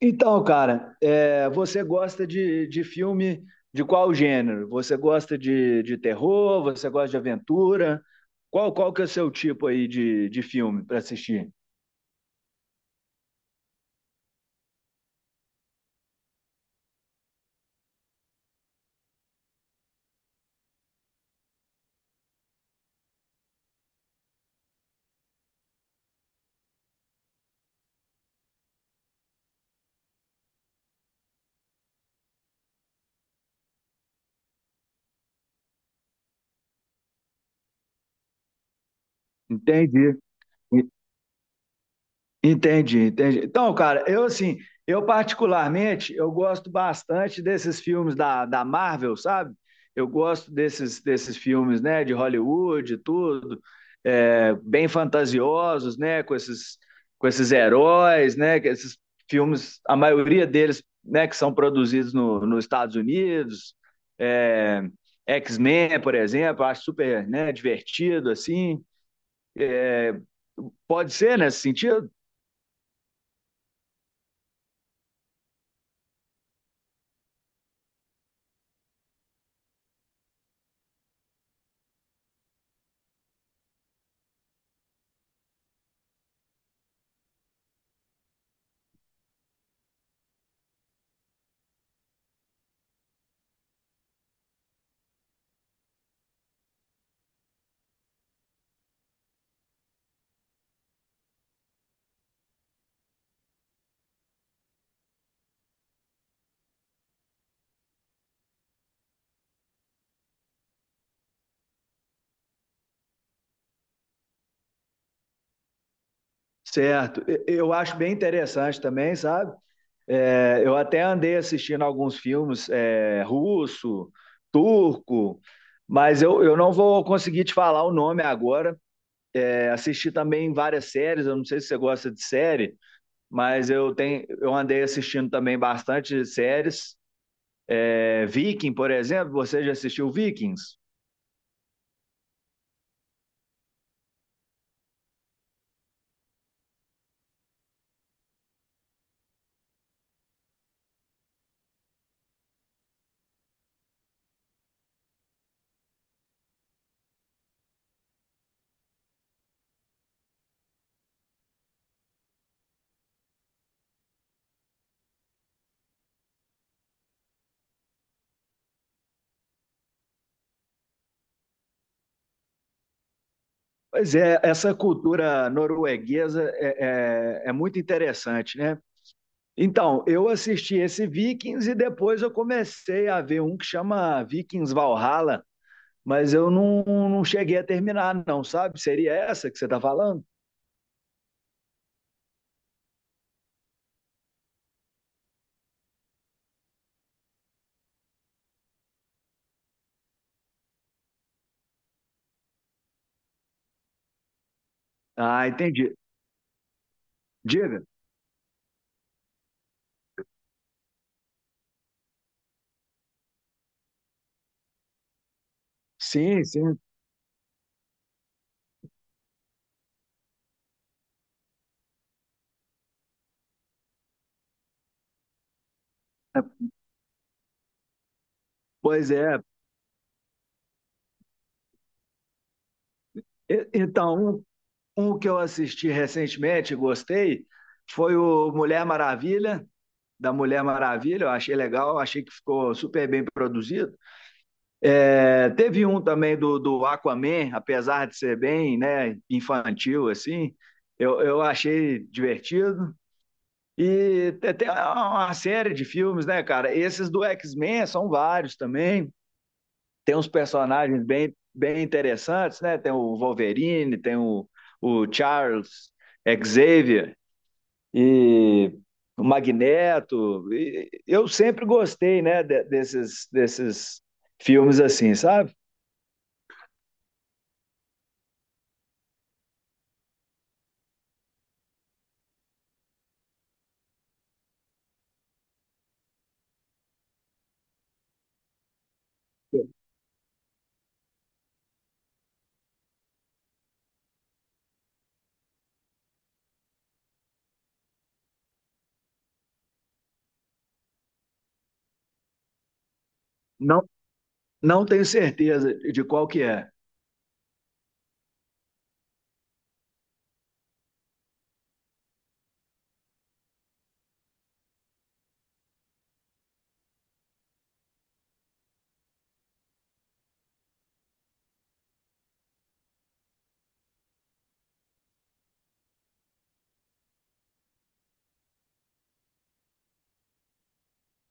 Então, cara, você gosta de filme de qual gênero? Você gosta de terror? Você gosta de aventura? Qual que é o seu tipo aí de filme para assistir? Entendi. Entendi. Então, cara, eu assim, eu particularmente, eu gosto bastante desses filmes da Marvel, sabe? Eu gosto desses filmes, né, de Hollywood, e tudo, bem fantasiosos, né, com esses heróis, né, que esses filmes, a maioria deles, né, que são produzidos no, nos Estados Unidos, é, X-Men, por exemplo, eu acho super, né, divertido, assim. É, Pode ser nesse sentido? Certo. Eu acho bem interessante também, sabe? Eu até andei assistindo alguns filmes russo, turco, mas eu não vou conseguir te falar o nome agora. É, assisti também várias séries, eu não sei se você gosta de série, mas eu tenho, eu andei assistindo também bastante séries. É, Viking, por exemplo, você já assistiu Vikings? Pois é, essa cultura norueguesa é muito interessante, né? Então, eu assisti esse Vikings e depois eu comecei a ver um que chama Vikings Valhalla, mas eu não, não cheguei a terminar, não, sabe? Seria essa que você está falando? Ah, entendi. Diga. Sim, sim. É, pois é. Então, um que eu assisti recentemente, e gostei, foi o Mulher Maravilha, da Mulher Maravilha. Eu achei legal, achei que ficou super bem produzido. É, teve um também do Aquaman, apesar de ser bem né, infantil, assim, eu achei divertido. E tem uma série de filmes, né, cara? Esses do X-Men são vários também. Tem uns personagens bem interessantes, né? Tem o Wolverine, tem o Charles Xavier e o Magneto. E eu sempre gostei, né, desses filmes assim, sabe? Não, não tenho certeza de qual que é.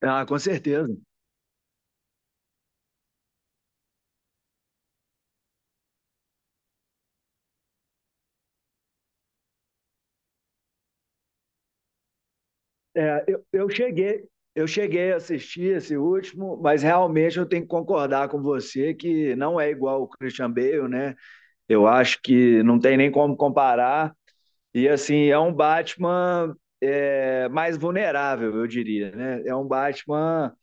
Ah, com certeza. É, eu cheguei a assistir esse último, mas realmente eu tenho que concordar com você que não é igual o Christian Bale, né? Eu acho que não tem nem como comparar. E assim, é um Batman mais vulnerável, eu diria, né? É um Batman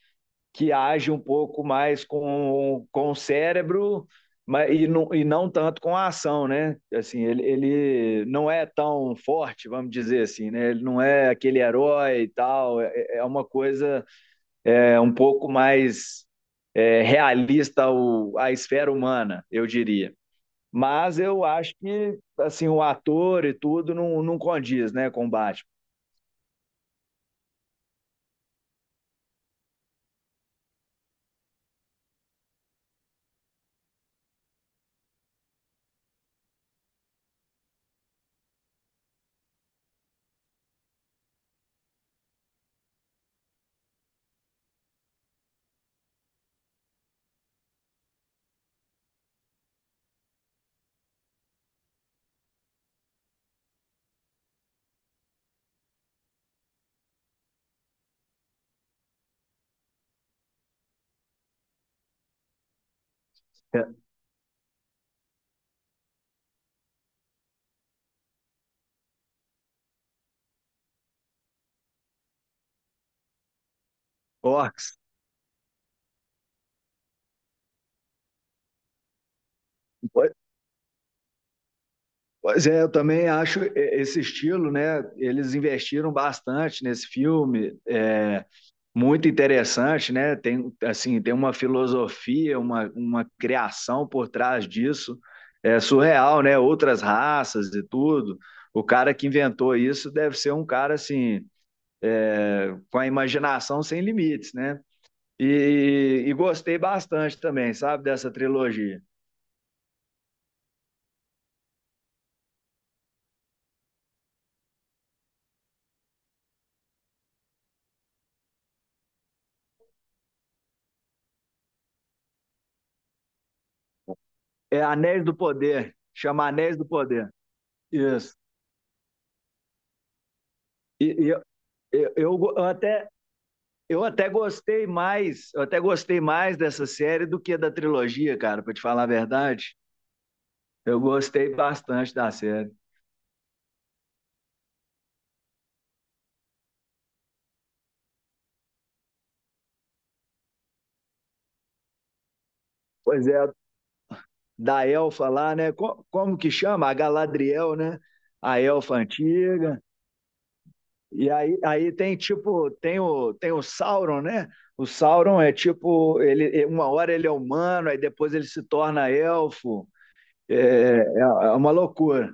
que age um pouco mais com o cérebro mas, e não tanto com a ação, né? Assim, ele não é tão forte, vamos dizer assim, né? Ele não é aquele herói e tal, é uma coisa um pouco mais realista ao, à esfera humana, eu diria. Mas eu acho que assim o ator e tudo não, não condiz né, com o Batman. Orcs, pois é, eu também acho esse estilo, né? Eles investiram bastante nesse filme, é muito interessante, né? Tem assim, tem uma filosofia, uma criação por trás disso, é surreal, né? Outras raças e tudo. O cara que inventou isso deve ser um cara assim, é, com a imaginação sem limites, né? E gostei bastante também, sabe, dessa trilogia. É Anéis do Poder, chama Anéis do Poder. Isso. E, e Eu, eu, eu até, eu até gostei mais, eu até gostei mais dessa série do que da trilogia, cara, pra te falar a verdade. Eu gostei bastante da série. Pois é, da elfa lá, né? Como que chama? A Galadriel, né? A elfa antiga. Aí tem tipo, tem tem o Sauron, né? O Sauron é tipo, ele, uma hora ele é humano, aí depois ele se torna elfo. É uma loucura.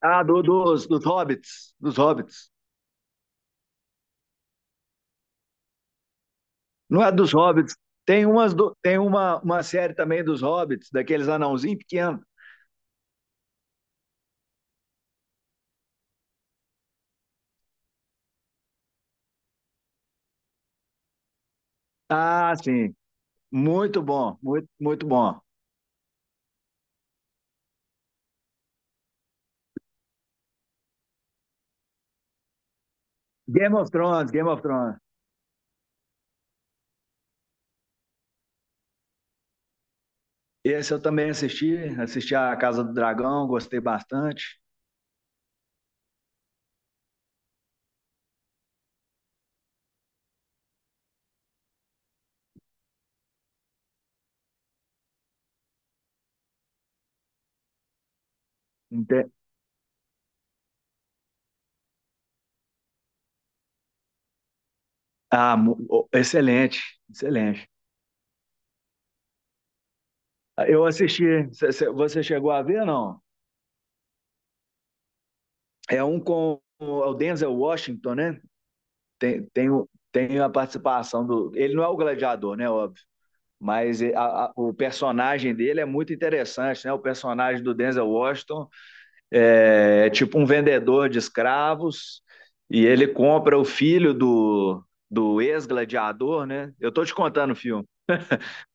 Ah, dos hobbits, dos hobbits. Não é dos hobbits. Tem uma série também dos hobbits, daqueles anãozinhos pequenos. Ah, sim. Muito bom, muito bom. Game of Thrones, Game of Thrones. Esse eu também assisti, assisti a Casa do Dragão, gostei bastante. Inte- Ah, oh, excelente, excelente. Eu assisti, você chegou a ver, não? É um com o Denzel Washington, né? Tem a participação do. Ele não é o gladiador, né? Mas o personagem dele é muito interessante, né? O personagem do Denzel Washington é tipo um vendedor de escravos e ele compra o filho do ex-gladiador, né? Eu tô te contando o filme,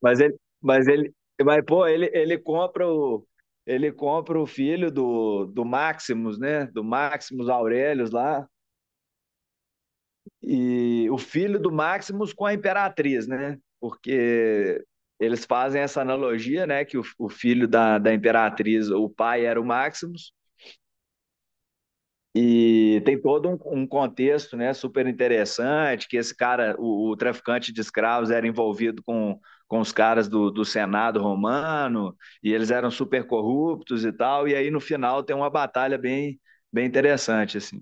mas mas pô, ele, ele compra o ele compra o filho do Maximus, né? Do Maximus Aurelius lá e o filho do Maximus com a Imperatriz, né? Porque eles fazem essa analogia, né? Que o filho da Imperatriz, o pai era o Maximus, e tem todo um contexto, né? Super interessante, que esse cara, o traficante de escravos, era envolvido com os caras do Senado romano, e eles eram super corruptos e tal, e aí no final tem uma batalha bem, bem interessante, assim.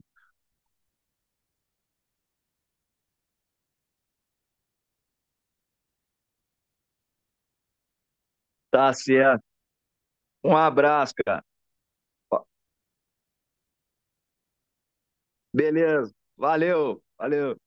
Tá certo. Um abraço, cara. Beleza. Valeu, valeu.